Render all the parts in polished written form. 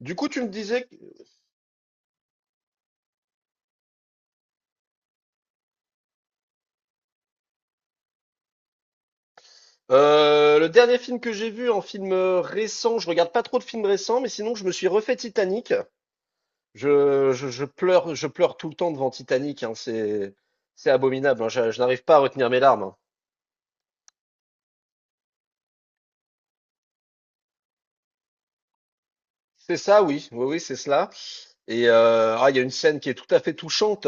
Du coup, tu me disais que le dernier film que j'ai vu en film récent, je regarde pas trop de films récents, mais sinon je me suis refait Titanic. Je pleure, je pleure tout le temps devant Titanic, hein, c'est abominable, hein, je n'arrive pas à retenir mes larmes, hein. C'est ça, oui, oui, oui, c'est cela. Et il y a une scène qui est tout à fait touchante,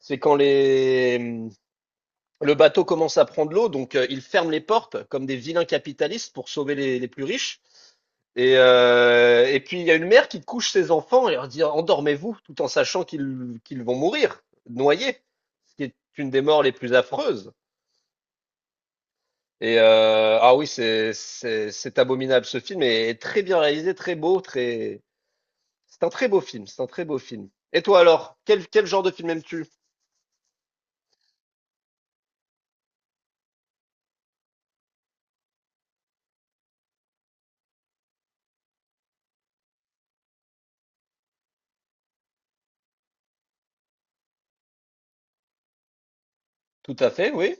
c'est quand le bateau commence à prendre l'eau, donc ils ferment les portes comme des vilains capitalistes pour sauver les plus riches. Et puis il y a une mère qui couche ses enfants et leur dit endormez-vous tout en sachant qu'ils vont mourir noyés, ce qui est une des morts les plus affreuses. Et ah oui, c'est c'est abominable, ce film est, est très bien réalisé, très beau, très, c'est un très beau film, c'est un très beau film. Et toi alors, quel genre de film aimes-tu? Tout à fait, oui,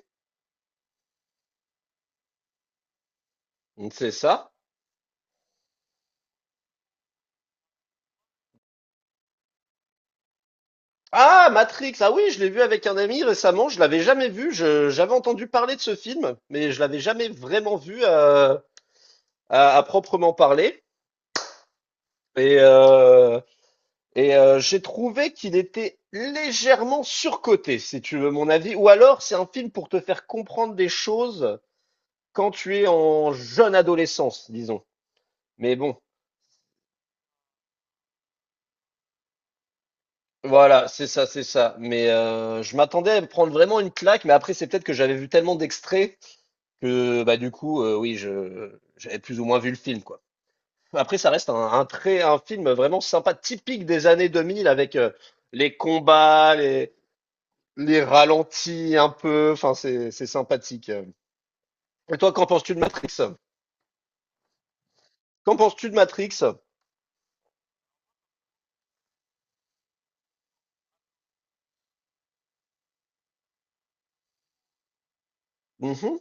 c'est ça. Ah, Matrix, ah oui, je l'ai vu avec un ami récemment, je l'avais jamais vu, je j'avais entendu parler de ce film, mais je l'avais jamais vraiment vu, à proprement parler. Et, euh, j'ai trouvé qu'il était légèrement surcoté, si tu veux mon avis. Ou alors, c'est un film pour te faire comprendre des choses quand tu es en jeune adolescence, disons. Mais bon, voilà, c'est ça, c'est ça. Mais je m'attendais à me prendre vraiment une claque, mais après, c'est peut-être que j'avais vu tellement d'extraits que, bah, du coup, oui, j'avais plus ou moins vu le film, quoi. Après, ça reste un film vraiment sympa, typique des années 2000 avec les combats, les ralentis un peu, enfin c'est sympathique. Et toi, qu'en penses-tu de Matrix? Qu'en penses-tu de Matrix? Mhm.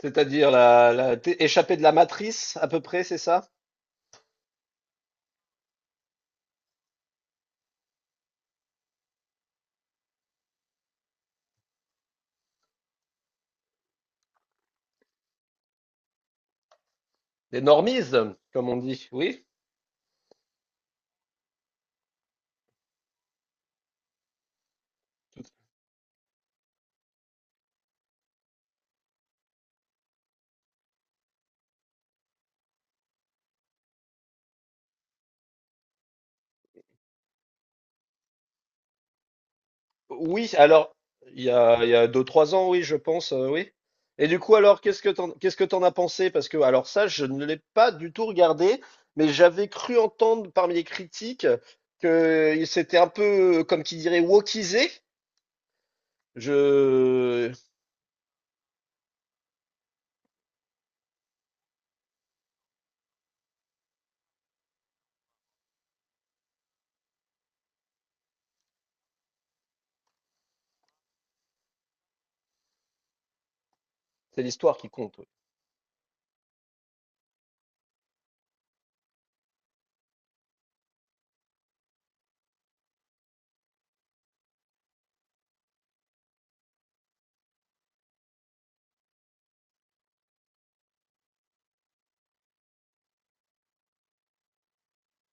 C'est-à-dire la t'es échappé de la matrice à peu près, c'est ça? Des normies, comme on dit. Oui? Oui, alors il y a deux trois ans, oui, je pense, oui. Et du coup, alors qu'est-ce que t'en as pensé? Parce que alors ça, je ne l'ai pas du tout regardé, mais j'avais cru entendre parmi les critiques que c'était un peu comme qui dirait wokisé. Je C'est l'histoire qui compte, oui.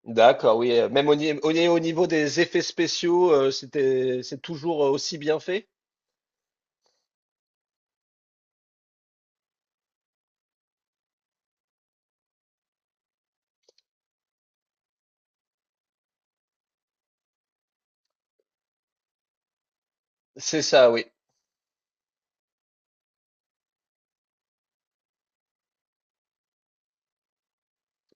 D'accord, oui. Même au, au niveau des effets spéciaux, c'était, c'est toujours aussi bien fait? C'est ça, oui.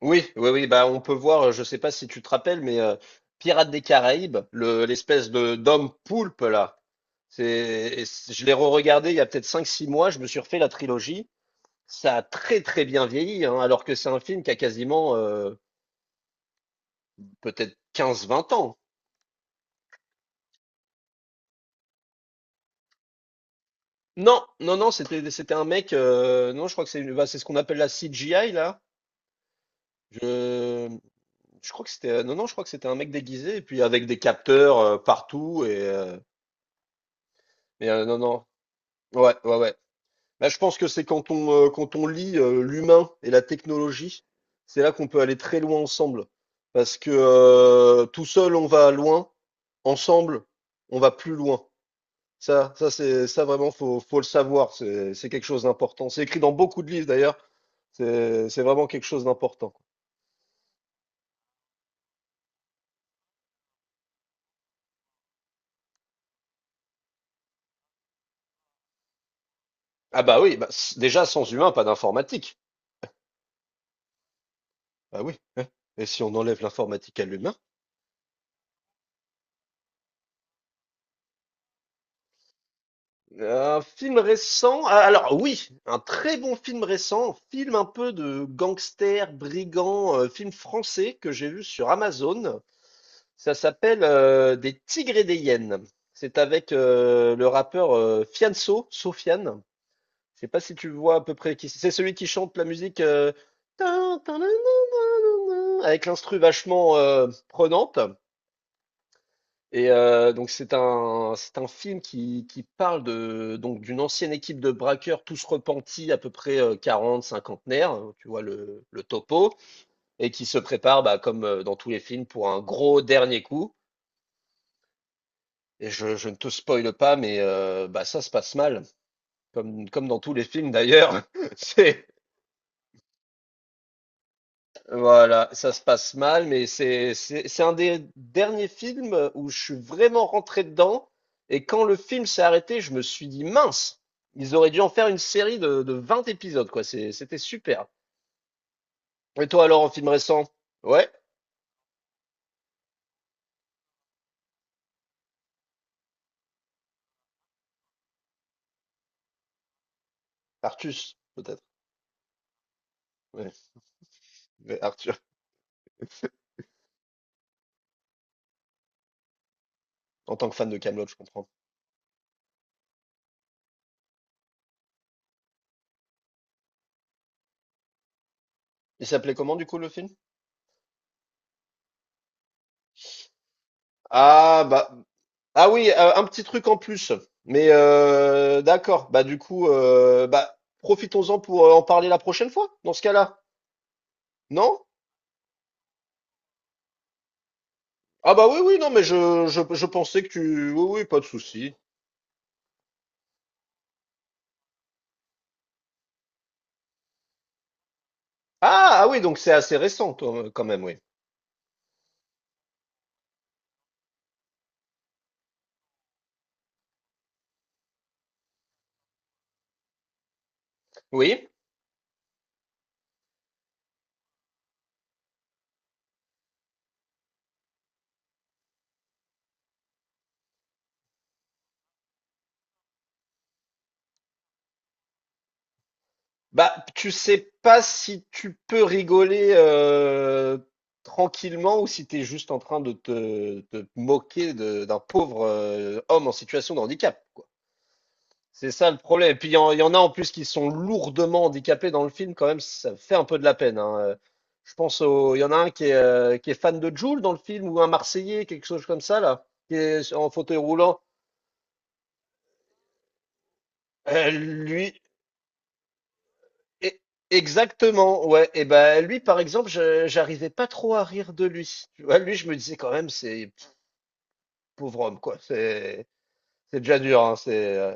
Oui, oui, oui. Bah, on peut voir, je sais pas si tu te rappelles, Pirates des Caraïbes, l'espèce de d'homme poulpe, là. Je l'ai re-regardé il y a peut-être cinq, six mois, je me suis refait la trilogie. Ça a très très bien vieilli, hein, alors que c'est un film qui a quasiment peut-être quinze, vingt ans. Non, non, non, c'était un mec, non, je crois que c'est bah, c'est ce qu'on appelle la CGI, là. Je, je crois que c'était. Non, non, je crois que c'était un mec déguisé, et puis avec des capteurs partout. Non, non. Ouais, ouais, ouais. Là, je pense que c'est quand on, quand on lie l'humain et la technologie, c'est là qu'on peut aller très loin ensemble. Parce que tout seul, on va loin. Ensemble, on va plus loin. Ça vraiment, faut le savoir. C'est quelque chose d'important. C'est écrit dans beaucoup de livres, d'ailleurs. C'est vraiment quelque chose d'important. Ah bah oui, bah, déjà, sans humain, pas d'informatique. Ah oui, hein. Et si on enlève l'informatique à l'humain? Un film récent? Ah, alors oui, un très bon film récent, film un peu de gangster, brigand, film français que j'ai vu sur Amazon. Ça s'appelle Des tigres et des hyènes. C'est avec le rappeur Fianso, Sofiane. Je sais pas si tu vois à peu près qui c'est. C'est celui qui chante la musique tin, tin, nan, nan, nan, nan, nan, avec l'instru vachement prenante. Et donc c'est un film qui parle de donc d'une ancienne équipe de braqueurs tous repentis à peu près 40 cinquantenaires, hein, tu vois le topo et qui se prépare bah, comme dans tous les films pour un gros dernier coup, et je ne te spoile pas mais bah ça se passe mal comme comme dans tous les films d'ailleurs. C'est, voilà, ça se passe mal, mais c'est un des derniers films où je suis vraiment rentré dedans. Et quand le film s'est arrêté, je me suis dit mince, ils auraient dû en faire une série de 20 épisodes, quoi. C'était super. Et toi alors, en film récent? Ouais, Artus, peut-être. Ouais, mais Arthur, en tant que fan de Camelot, je comprends. Il s'appelait comment du coup le film? Ah bah ah oui, un petit truc en plus. Mais d'accord, bah du coup, bah profitons-en pour en parler la prochaine fois, dans ce cas-là. Non? Ah bah oui, oui, non, mais je pensais que tu... Oui, oui, pas de souci. Ah, ah oui, donc c'est assez récent, toi, quand même, oui. Oui. Bah, tu sais pas si tu peux rigoler tranquillement ou si t'es juste en train de de te moquer d'un pauvre homme en situation de handicap, quoi. C'est ça le problème. Et puis il y en a en plus qui sont lourdement handicapés dans le film, quand même, ça fait un peu de la peine, hein. Je pense au, il y en a un qui est fan de Jul dans le film, ou un Marseillais, quelque chose comme ça, là, qui est en fauteuil roulant. Euh, lui, e- exactement, ouais. Et ben lui, par exemple, j'arrivais pas trop à rire de lui. Tu vois, lui, je me disais quand même, c'est pauvre homme, quoi. C'est déjà dur, hein.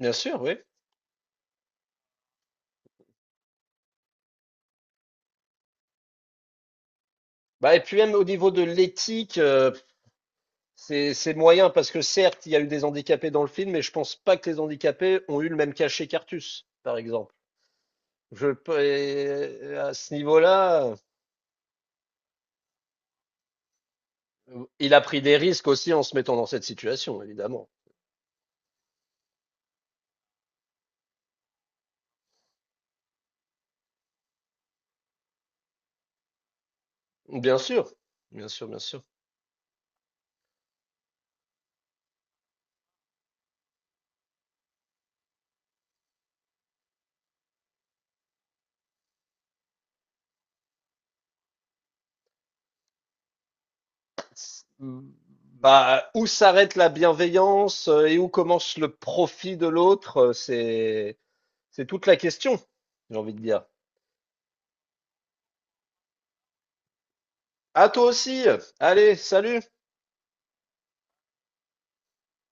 Bien sûr, oui. Bah, et puis même au niveau de l'éthique, c'est moyen parce que certes, il y a eu des handicapés dans le film, mais je pense pas que les handicapés ont eu le même cachet qu'Artus, par exemple. Et à ce niveau-là, il a pris des risques aussi en se mettant dans cette situation, évidemment. Bien sûr, bien sûr, bien sûr. Bah, où s'arrête la bienveillance et où commence le profit de l'autre, c'est toute la question, j'ai envie de dire. À toi aussi. Allez, salut.